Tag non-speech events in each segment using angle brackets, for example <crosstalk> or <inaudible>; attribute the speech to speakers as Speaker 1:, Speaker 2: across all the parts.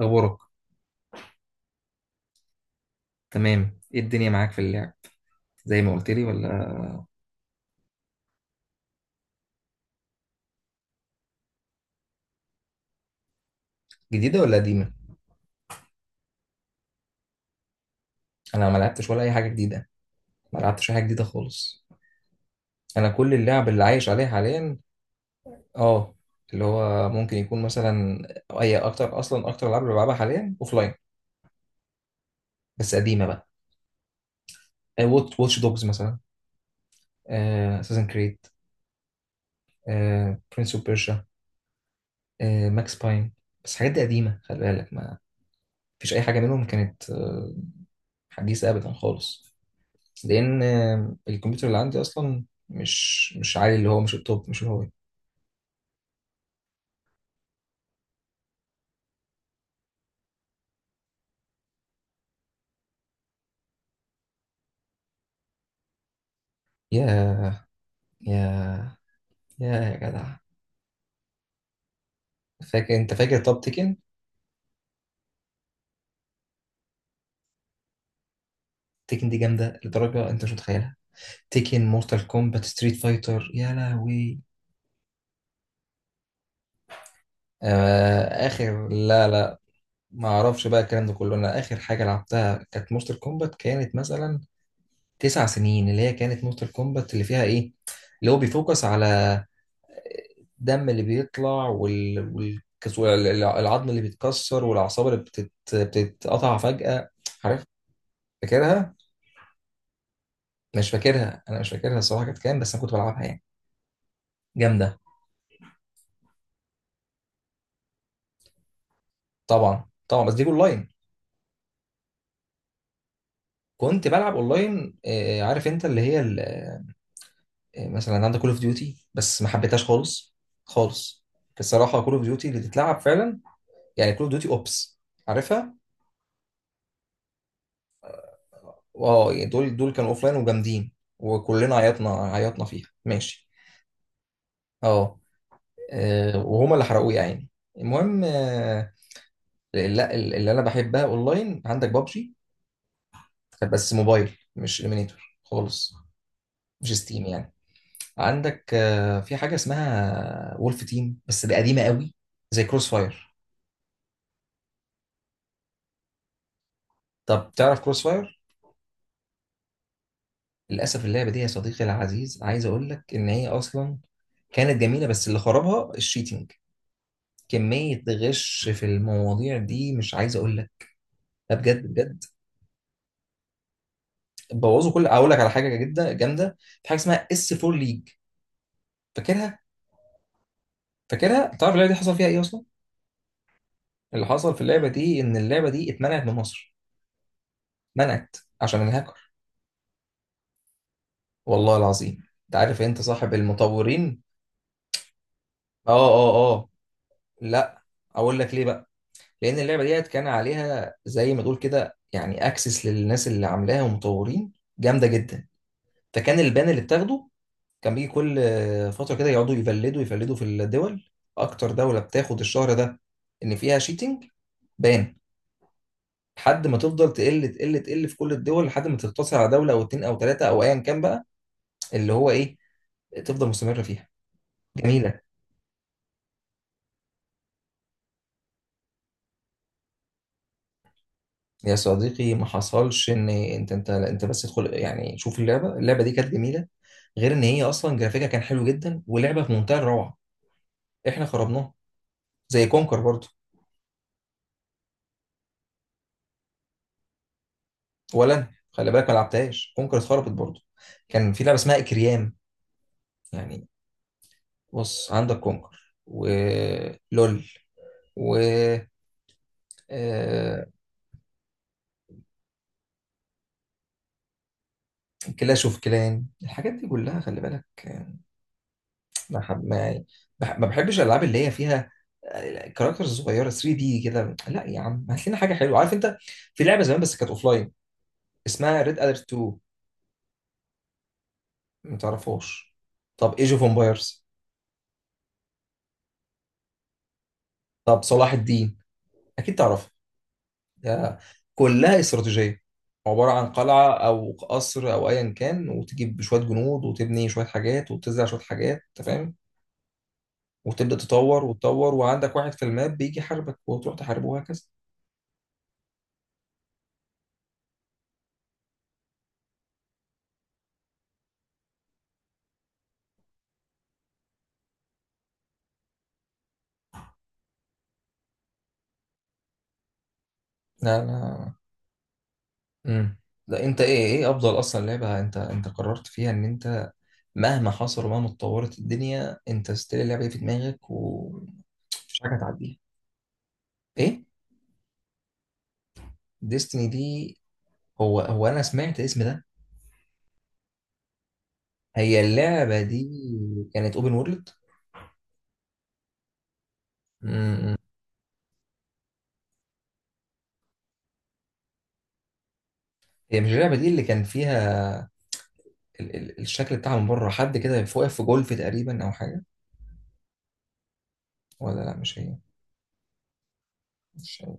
Speaker 1: اخبارك؟ تمام، ايه الدنيا معاك في اللعب؟ زي ما قلت لي، ولا جديده ولا قديمه؟ انا ما لعبتش ولا اي حاجه جديده، ما لعبتش أي حاجه جديده خالص. انا كل اللعب اللي عايش عليه حاليا، اه، اللي هو ممكن يكون مثلا اي، اكتر، اصلا اكتر العاب اللي بلعبها حاليا لاين، بس قديمه بقى. واتش دوجز مثلا، اساسن كريد، برنس اوف بيرشا، ماكس باين. بس الحاجات دي قديمه، خلي بالك ما فيش اي حاجه منهم كانت حديثه ابدا خالص. لان الكمبيوتر اللي عندي اصلا مش عالي، اللي هو مش التوب، مش الهاي. يا يا يا جدع، فاكر؟ انت فاكر طب تيكن؟ تيكن دي جامده لدرجه انت مش متخيلها. تيكن، مورتال كومبات، ستريت فايتر، يا لهوي. آه اخر، لا لا، ما اعرفش بقى الكلام ده كله. انا اخر حاجه لعبتها كانت مورتال كومبات، كانت مثلا 9 سنين، اللي هي كانت مورتال كومبات اللي فيها ايه، اللي هو بيفوكس على الدم اللي بيطلع والعظم اللي بيتكسر والاعصاب اللي بتتقطع فجأة. عارف، فاكرها. مش فاكرها، انا مش فاكرها الصراحة كانت كام، بس انا كنت بلعبها يعني، جامدة. طبعا طبعا، بس دي اونلاين. كنت بلعب اونلاين عارف انت اللي هي مثلا عندك كول اوف ديوتي، بس ما حبيتهاش خالص خالص. الصراحة كول اوف ديوتي اللي تتلعب فعلا، يعني كول اوف ديوتي اوبس، عارفها. اه، يعني دول دول كانوا اوفلاين وجامدين، وكلنا عيطنا عيطنا فيها ماشي. اه وهما اللي حرقوه يا عيني. المهم لا اللي انا بحبها اونلاين عندك بابجي، بس موبايل، مش ليمينيتور خالص، مش ستيم يعني. عندك في حاجه اسمها وولف تيم، بس دي قديمه قوي، زي كروس فاير. طب تعرف كروس فاير؟ للاسف اللعبه دي يا صديقي العزيز، عايز اقول لك ان هي اصلا كانت جميله، بس اللي خربها الشيتنج. كميه غش في المواضيع دي مش عايز اقول لك، ده بجد بجد. بوظوا كل، اقول لك على حاجه جدا جامده. في حاجه اسمها اس 4 ليج، فاكرها؟ فاكرها، تعرف اللعبه دي حصل فيها ايه اصلا؟ اللي حصل في اللعبه دي ان اللعبه دي اتمنعت من مصر، منعت عشان الهاكر، والله العظيم. انت عارف انت صاحب المطورين؟ اه اه اه، لا اقول لك ليه بقى، لان اللعبه ديت كان عليها زي ما تقول كده يعني اكسس للناس اللي عاملاها، ومطورين جامده جدا. فكان البان اللي بتاخده كان بيجي كل فترة كده، يقعدوا يفلدوا يفلدوا في الدول، أكتر دولة بتاخد الشهر ده إن فيها شيتنج، بان، لحد ما تفضل تقل تقل تقل في كل الدول، لحد ما تقتصر على دولة أو اتنين أو تلاتة أو أيا كان بقى، اللي هو إيه، تفضل مستمرة فيها، جميلة. يا صديقي ما حصلش إن أنت بس تدخل، يعني شوف اللعبة، اللعبة دي كانت جميلة، غير إن هي أصلا جرافيكها كان حلو جدا، ولعبة في منتهى الروعة، إحنا خربناها، زي كونكر برضه. ولا انا خلي بالك ما لعبتهاش، كونكر اتخربت برضه. كان في لعبه اسمها اكريام، يعني. بص، عندك كونكر ولول، و كلاش اوف كلان، الحاجات دي كلها خلي بالك ما حب- ما يعني، بح- ما بحبش الالعاب اللي هي فيها كاركترز صغيره 3 دي كده. لا يا عم هات لنا حاجه حلوه، عارف انت، في لعبه زمان بس كانت اوفلاين، اسمها ريد اليرت 2، ما تعرفوش؟ طب ايج اوف امبايرز؟ طب صلاح الدين، اكيد تعرف. ده كلها استراتيجية، عبارة عن قلعة أو قصر أو أيا كان، وتجيب شوية جنود وتبني شوية حاجات وتزرع شوية حاجات، أنت فاهم، وتبدأ تطور وتطور، وعندك واحد في الماب بيجي يحاربك وتروح تحاربه، وهكذا. لا لا. امم لا أنت إيه، إيه أفضل أصلا لعبة أنت، أنت قررت فيها إن أنت مهما حصل ومهما اتطورت الدنيا، أنت ستيل اللعبة دي في دماغك، ومفيش حاجة هتعديها؟ إيه ديستني دي؟ هو هو أنا سمعت الاسم ده. هي اللعبة دي كانت أوبن وورلد؟ مم. هي مش اللعبة دي اللي كان فيها ال الشكل بتاعها من بره، حد كده واقف في جولف تقريبا أو حاجة؟ ولا لا مش هي، مش هي.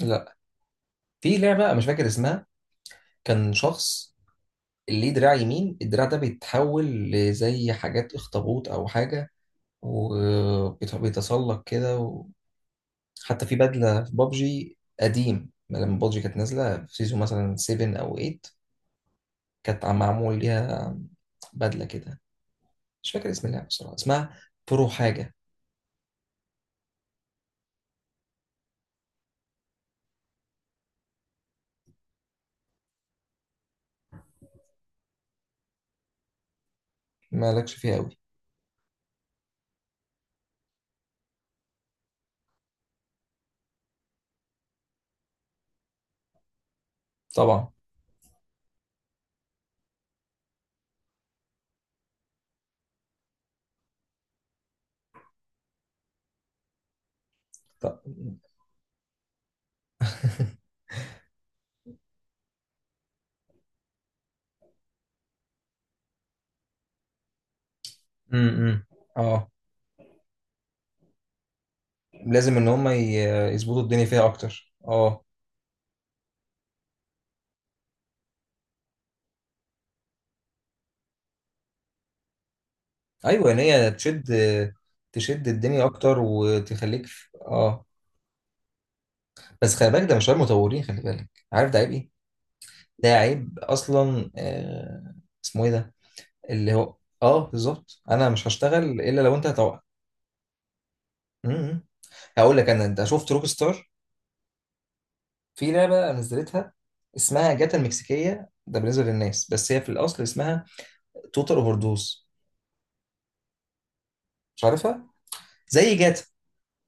Speaker 1: لا في لعبة أنا مش فاكر اسمها، كان شخص ليه دراع يمين، الدراع ده بيتحول لزي حاجات اخطبوط أو حاجة، وبيتسلق كده حتى في بدلة في بابجي قديم، لما بابجي كانت نازلة في سيزون مثلا 7 أو 8، كانت معمول ليها بدلة كده، مش فاكر اسم اللعبة بصراحة، اسمها برو حاجة. مالكش فيها، طبعا. طب. امم <laughs> اه. لازم ان هم يظبطوا الدنيا فيها اكتر، اه. ايوه، ان هي تشد، تشد الدنيا اكتر، وتخليك في... اه. بس خلي بالك ده مش عيب مطورين، خلي بالك عارف ده عيب ايه؟ ده عيب اصلا اسمه ايه ده؟ اللي هو، اه بالظبط، انا مش هشتغل الا لو انت هتوقع. امم هقول لك انا، انت شفت روك ستار؟ في لعبه نزلتها اسمها جاتا المكسيكيه، ده بالنسبه للناس، بس هي في الاصل اسمها توتال اوفر دوز، مش عارفها؟ زي جاتا،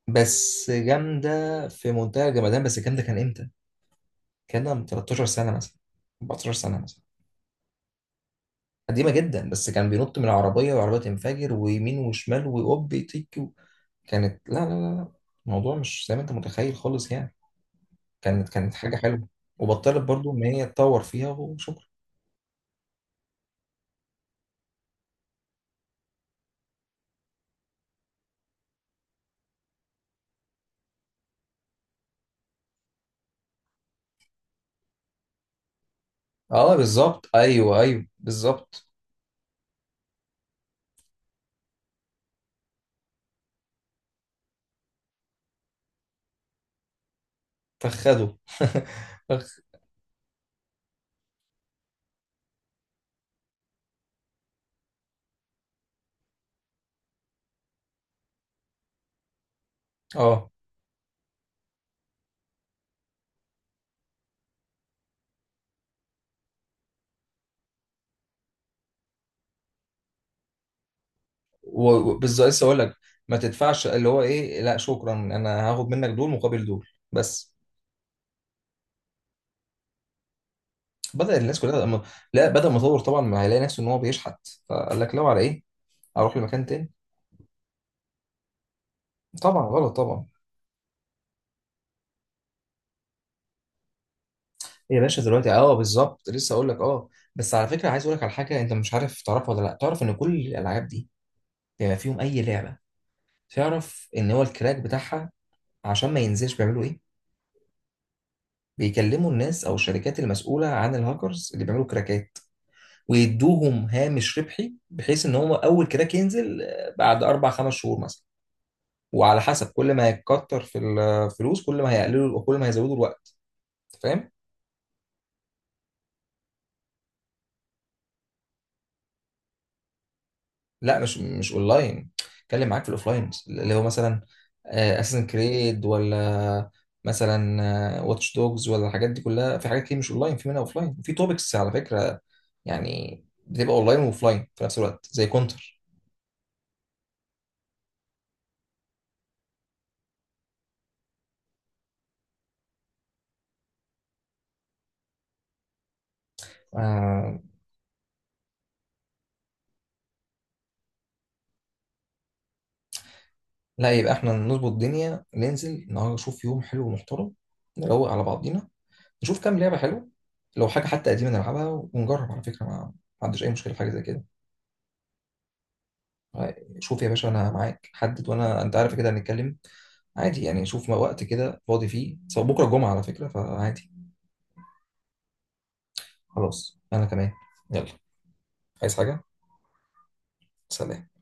Speaker 1: بس جامدة في منتهى الجمدان. بس الكلام ده كان امتى؟ كان ده من 13 سنة مثلا، 14 سنة مثلا، قديمة جدا. بس كان بينط من العربية، والعربية تنفجر ويمين وشمال ويقب يطيك كانت، لا لا لا لا، الموضوع مش زي ما انت متخيل خالص يعني، كانت كانت حاجة حلوة، وبطلت برضو ان هي تطور فيها وشكرا. اه بالظبط، ايوه ايوه بالظبط. فخده، <laughs> فخ. اه، وبالظبط لسه اقول لك. ما تدفعش، اللي هو ايه، لا شكرا انا هاخد منك دول مقابل دول، بس. بدأ الناس كلها تبقى لا، بدأ المطور طبعا ما هيلاقي نفسه ان هو بيشحت، فقال لك لو على ايه اروح لمكان تاني. طبعا غلط طبعا. يا باشا دلوقتي، اه بالظبط لسه اقول لك، اه. بس على فكره عايز اقول لك على حاجه، انت مش عارف تعرفها ولا لا؟ تعرف ان كل الالعاب دي، بما فيهم اي لعبه، تعرف ان هو الكراك بتاعها عشان ما ينزلش بيعملوا ايه؟ بيكلموا الناس او الشركات المسؤوله عن الهاكرز اللي بيعملوا كراكات، ويدوهم هامش ربحي بحيث ان هو اول كراك ينزل بعد اربع خمس شهور مثلا، وعلى حسب كل ما هيكتر في الفلوس كل ما هيقللوا، كل ما هيزودوا الوقت، فاهم؟ لا مش اونلاين، اتكلم معاك في الاوفلاين، اللي هو مثلا اساسن كريد، ولا مثلا واتش دوجز، ولا الحاجات دي كلها، في حاجات كتير مش اونلاين، في منها اوفلاين، وفي توبكس على فكره، يعني بتبقى اونلاين واوفلاين في نفس الوقت، زي كونتر. لا يبقى احنا نظبط الدنيا، ننزل النهارده، نشوف يوم حلو ومحترم، نروق على بعضينا، نشوف كام لعبه حلوه، لو حاجه حتى قديمه نلعبها ونجرب، على فكره ما عنديش اي مشكله في حاجه زي كده. شوف يا باشا انا معاك، حدد، وانا انت عارف كده هنتكلم عادي يعني، شوف ما وقت كده فاضي فيه، سواء بكره الجمعه على فكره، فعادي. خلاص انا كمان، يلا، عايز حاجه؟ سلام.